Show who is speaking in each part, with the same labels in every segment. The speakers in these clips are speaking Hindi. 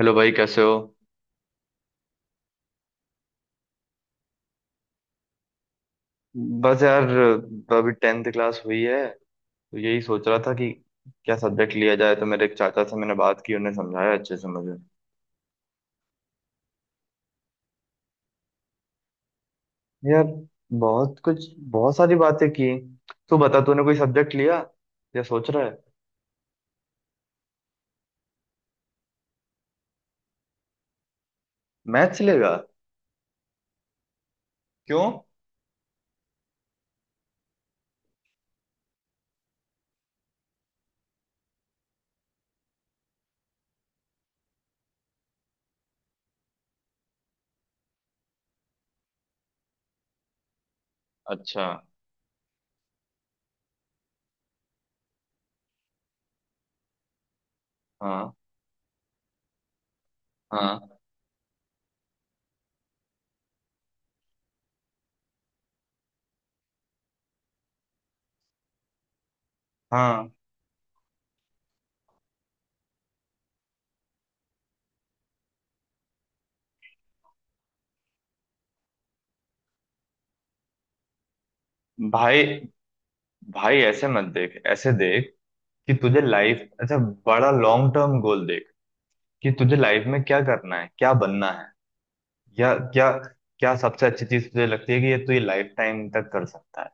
Speaker 1: हेलो भाई, कैसे हो। बस यार, अभी टेंथ क्लास हुई है तो यही सोच रहा था कि क्या सब्जेक्ट लिया जाए। तो मेरे एक चाचा से मैंने बात की, उन्हें समझाया अच्छे से मुझे। यार बहुत कुछ, बहुत सारी बातें की। तू बता, तूने कोई सब्जेक्ट लिया या सोच रहा है। मैथ्स लेगा? क्यों? अच्छा। हाँ हाँ हाँ। भाई, भाई ऐसे मत देख। ऐसे देख कि तुझे लाइफ, अच्छा बड़ा लॉन्ग टर्म गोल देख कि तुझे लाइफ में क्या करना है, क्या बनना है, क्या क्या, क्या सबसे अच्छी चीज तुझे लगती है कि ये तू ये लाइफ टाइम तक कर सकता है।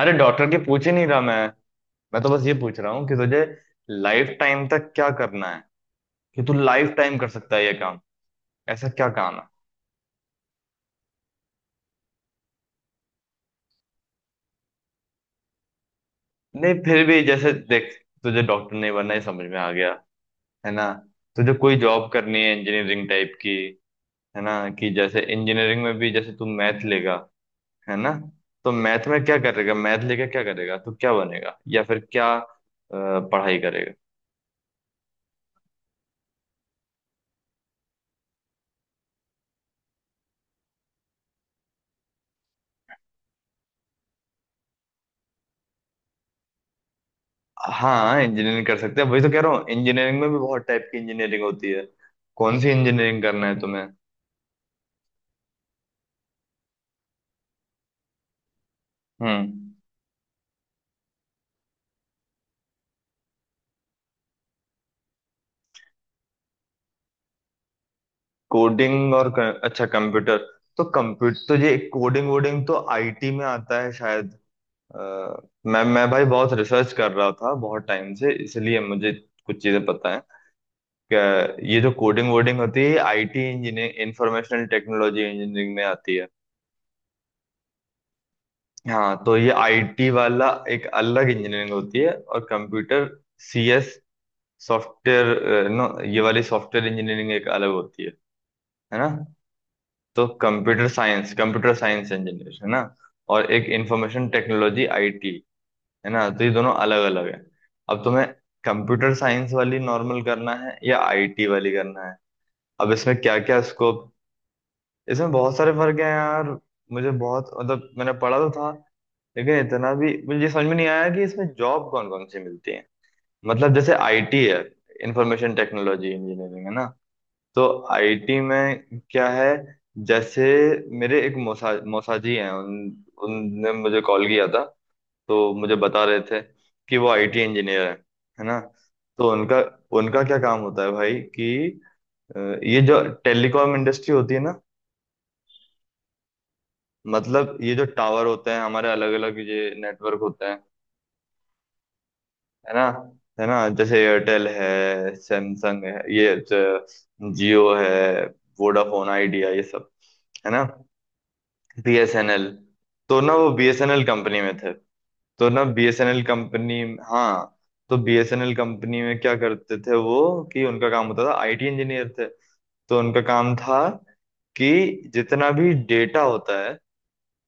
Speaker 1: अरे डॉक्टर के पूछ ही नहीं रहा मैं। मैं तो बस ये पूछ रहा हूँ कि तुझे लाइफ टाइम तक क्या करना है, कि तू लाइफ टाइम कर सकता है ये काम। ऐसा क्या काम है। नहीं फिर भी जैसे देख, तुझे डॉक्टर नहीं बनना ये समझ में आ गया, है ना। तुझे कोई जॉब करनी है इंजीनियरिंग टाइप की, है ना। कि जैसे इंजीनियरिंग में भी जैसे तू मैथ लेगा, है ना। तो मैथ में क्या करेगा, मैथ लेके क्या करेगा, तू क्या बनेगा या फिर क्या पढ़ाई करेगा। हाँ इंजीनियरिंग कर सकते हैं, वही तो कह रहा हूँ। इंजीनियरिंग में भी बहुत टाइप की इंजीनियरिंग होती है। कौन सी इंजीनियरिंग करना है तुम्हें। हम्म। कोडिंग और कर, अच्छा कंप्यूटर। तो कंप्यूटर तो ये कोडिंग वोडिंग तो आईटी में आता है शायद। अ, मैं भाई बहुत रिसर्च कर रहा था बहुत टाइम से, इसलिए मुझे कुछ चीजें पता है कि ये जो कोडिंग वोडिंग होती है, IT engineering, informational technology engineering में आती है। हाँ, तो ये आईटी वाला एक अलग इंजीनियरिंग होती है, और कंप्यूटर, सीएस सॉफ्टवेयर नो, ये वाली सॉफ्टवेयर इंजीनियरिंग एक अलग होती है ना। तो computer science, computer science engineer, है ना। और एक इंफॉर्मेशन टेक्नोलॉजी आईटी, है ना। तो ये दोनों अलग अलग है। अब तुम्हें कंप्यूटर साइंस वाली नॉर्मल करना है या आईटी वाली करना है। अब इसमें क्या क्या स्कोप। इसमें बहुत सारे फर्क है यार। मुझे बहुत, मतलब मैंने पढ़ा तो था, लेकिन इतना भी मुझे ये समझ में नहीं आया कि इसमें जॉब कौन कौन सी मिलती है। मतलब जैसे आईटी है, इंफॉर्मेशन टेक्नोलॉजी इंजीनियरिंग, है ना। तो आईटी में क्या है, जैसे मेरे एक मौसा, मौसाजी हैं, उन, उनने मुझे कॉल किया था तो मुझे बता रहे थे कि वो आईटी इंजीनियर है ना। तो उनका, उनका क्या काम होता है भाई कि अ, ये जो टेलीकॉम इंडस्ट्री होती है ना, मतलब ये जो टावर होते हैं हमारे अलग अलग, ये नेटवर्क होते हैं, है ना। है ना, जैसे एयरटेल है, सैमसंग है, ये जियो है, वोडाफोन आइडिया, ये सब, है ना। बीएसएनएल। तो ना, वो बीएसएनएल कंपनी में थे। तो ना बीएसएनएल कंपनी। हाँ, तो बीएसएनएल कंपनी में क्या करते थे वो, कि उनका काम होता था, आईटी इंजीनियर थे तो उनका काम था कि जितना भी डेटा होता है,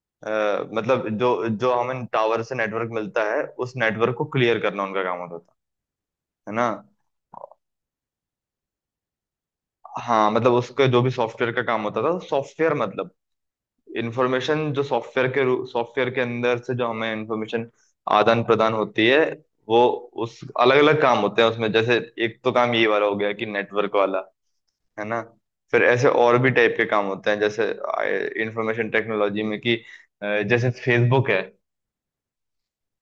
Speaker 1: मतलब जो जो हमें टावर से नेटवर्क मिलता है उस नेटवर्क को क्लियर करना उनका काम होता था, है ना। हाँ, मतलब उसका जो भी सॉफ्टवेयर का काम होता था, सॉफ्टवेयर मतलब इंफॉर्मेशन, जो सॉफ्टवेयर के, सॉफ्टवेयर के अंदर से जो हमें इंफॉर्मेशन आदान प्रदान होती है, वो उस अलग अलग काम होते हैं उसमें। जैसे एक तो काम ये वाला हो गया कि नेटवर्क वाला, है ना। फिर ऐसे और भी टाइप के काम होते हैं, जैसे इंफॉर्मेशन टेक्नोलॉजी में कि जैसे फेसबुक है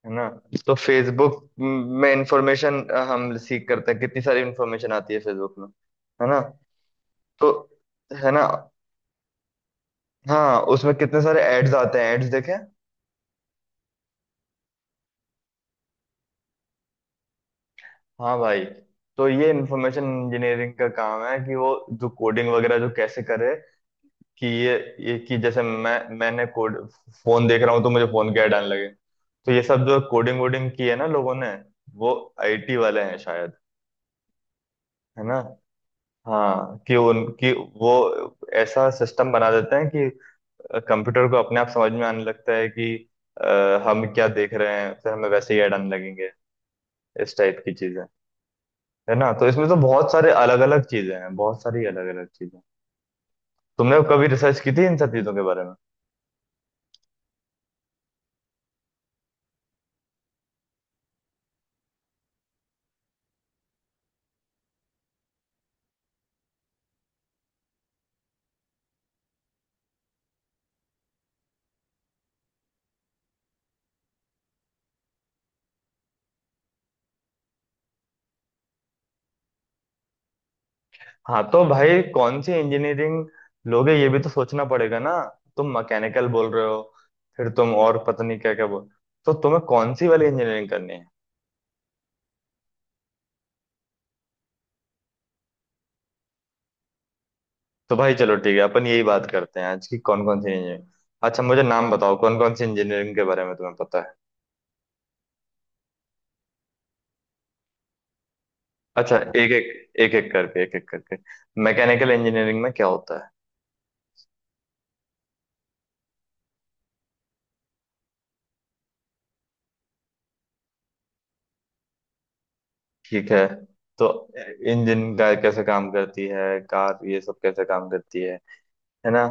Speaker 1: है ना। तो फेसबुक में इंफॉर्मेशन, हम सीख करते हैं, कितनी सारी इंफॉर्मेशन आती है फेसबुक में, है ना। तो, है ना। हाँ उसमें कितने सारे एड्स आते हैं, एड्स देखे। हाँ भाई, तो ये इंफॉर्मेशन इंजीनियरिंग का काम है, कि वो जो कोडिंग वगैरह जो कैसे करे कि ये कि जैसे मैंने कोड, फोन देख रहा हूँ तो मुझे फोन की ऐड आने लगे। तो ये सब जो कोडिंग वोडिंग की है ना लोगों ने, वो आईटी वाले हैं शायद, है ना। हाँ कि उनकी वो ऐसा सिस्टम बना देते हैं कि कंप्यूटर को अपने आप समझ में आने लगता है कि हम क्या देख रहे हैं, फिर हमें वैसे ही ऐड आने लगेंगे, इस टाइप की चीजें, है ना। तो इसमें तो बहुत सारे अलग अलग चीजें हैं, बहुत सारी अलग अलग चीजें। तुमने कभी रिसर्च की थी इन सब चीजों के बारे में। हाँ तो भाई कौन सी इंजीनियरिंग लोगे, ये भी तो सोचना पड़ेगा ना। तुम मैकेनिकल बोल रहे हो, फिर तुम और पता नहीं क्या क्या बोल। तो तुम्हें कौन सी वाली इंजीनियरिंग करनी है। तो भाई चलो ठीक है, अपन यही बात करते हैं आज की, कौन कौन सी इंजीनियरिंग। अच्छा मुझे नाम बताओ कौन कौन सी इंजीनियरिंग के बारे में तुम्हें पता है। अच्छा, एक एक, एक एक करके। मैकेनिकल इंजीनियरिंग में क्या होता है। ठीक है। तो इंजन का कैसे काम करती है, कार ये सब कैसे काम करती है ना।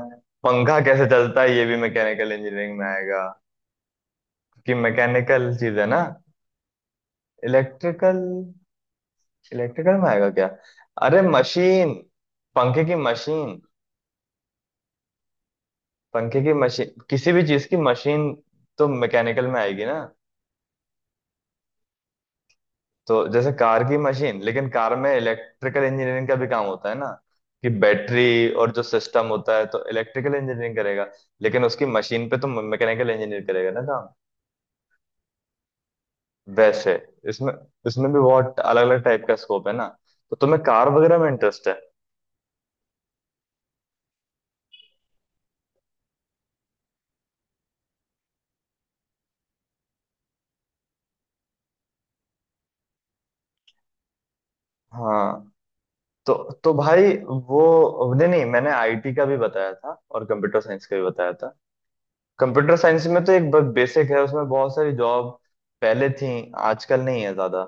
Speaker 1: पंखा कैसे चलता है ये भी मैकेनिकल इंजीनियरिंग में आएगा, क्योंकि मैकेनिकल चीज है ना। इलेक्ट्रिकल, इलेक्ट्रिकल में आएगा क्या? अरे मशीन, पंखे की मशीन, किसी भी चीज की मशीन तो मैकेनिकल में आएगी ना। तो जैसे कार की मशीन, लेकिन कार में इलेक्ट्रिकल इंजीनियरिंग का भी काम होता है ना, कि बैटरी और जो सिस्टम होता है, तो इलेक्ट्रिकल इंजीनियरिंग करेगा, लेकिन उसकी मशीन पे तो मैकेनिकल इंजीनियर करेगा ना काम। वैसे इसमें, इसमें भी बहुत अलग अलग टाइप का स्कोप है ना। तो तुम्हें कार वगैरह में इंटरेस्ट है। हाँ तो तो भाई, वो नहीं नहीं, मैंने आईटी का भी बताया था और कंप्यूटर साइंस का भी बताया था। कंप्यूटर साइंस में तो एक बेसिक है, उसमें बहुत सारी जॉब पहले थी, आजकल नहीं है ज्यादा।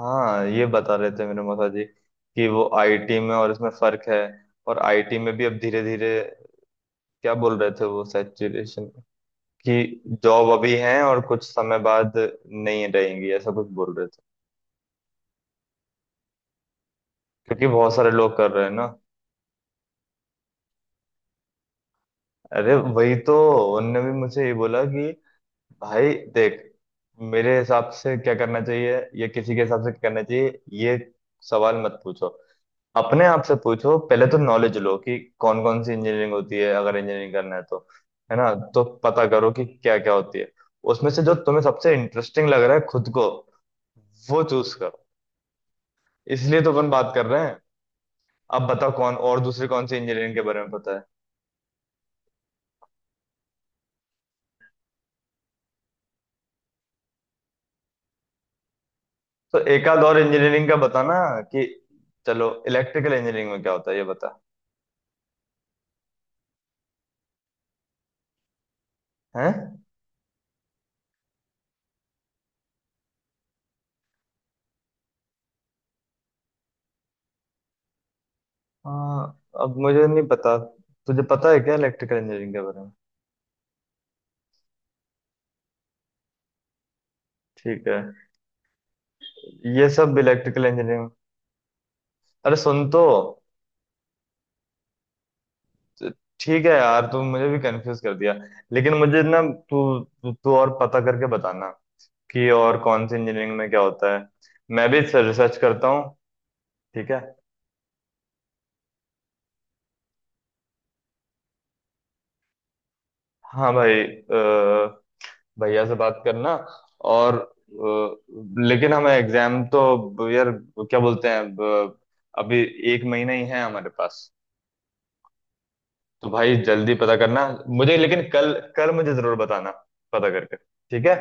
Speaker 1: हाँ ये बता रहे थे मेरे माता जी कि वो आईटी में और इसमें फर्क है। और आईटी में भी अब धीरे धीरे क्या बोल रहे थे वो, सैचुरेशन, कि जॉब अभी है और कुछ समय बाद नहीं रहेंगी, ऐसा कुछ बोल रहे थे, क्योंकि बहुत सारे लोग कर रहे हैं ना। अरे वही तो, उनने भी मुझे ये बोला कि भाई देख, मेरे हिसाब से क्या करना चाहिए या किसी के हिसाब से क्या करना चाहिए, ये सवाल मत पूछो, अपने आप से पूछो। पहले तो नॉलेज लो कि कौन कौन सी इंजीनियरिंग होती है अगर इंजीनियरिंग करना है तो, है ना। तो पता करो कि क्या क्या होती है, उसमें से जो तुम्हें सबसे इंटरेस्टिंग लग रहा है खुद को वो चूज करो। इसलिए तो अपन बात कर रहे हैं। अब बताओ कौन, और दूसरी कौन सी इंजीनियरिंग के बारे में पता है। तो एक आध और इंजीनियरिंग का बताना, कि चलो इलेक्ट्रिकल इंजीनियरिंग में क्या होता है ये बता। है। हाँ अब मुझे नहीं पता, तुझे पता है क्या इलेक्ट्रिकल इंजीनियरिंग के बारे में। ठीक है, ये सब इलेक्ट्रिकल इंजीनियरिंग। अरे सुन तो। ठीक है यार, तू मुझे भी कंफ्यूज कर दिया। लेकिन मुझे ना, तू तू तू और पता करके बताना कि और कौन सी इंजीनियरिंग में क्या होता है। मैं भी रिसर्च करता हूँ। ठीक है। हाँ भाई, भैया से बात करना, और लेकिन हमें एग्जाम तो यार, क्या बोलते हैं अब, अभी एक महीना ही है हमारे पास। तो भाई जल्दी पता करना मुझे, लेकिन कल, कल मुझे जरूर बताना, पता करके, ठीक है।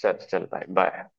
Speaker 1: चल चल भाई, बाय।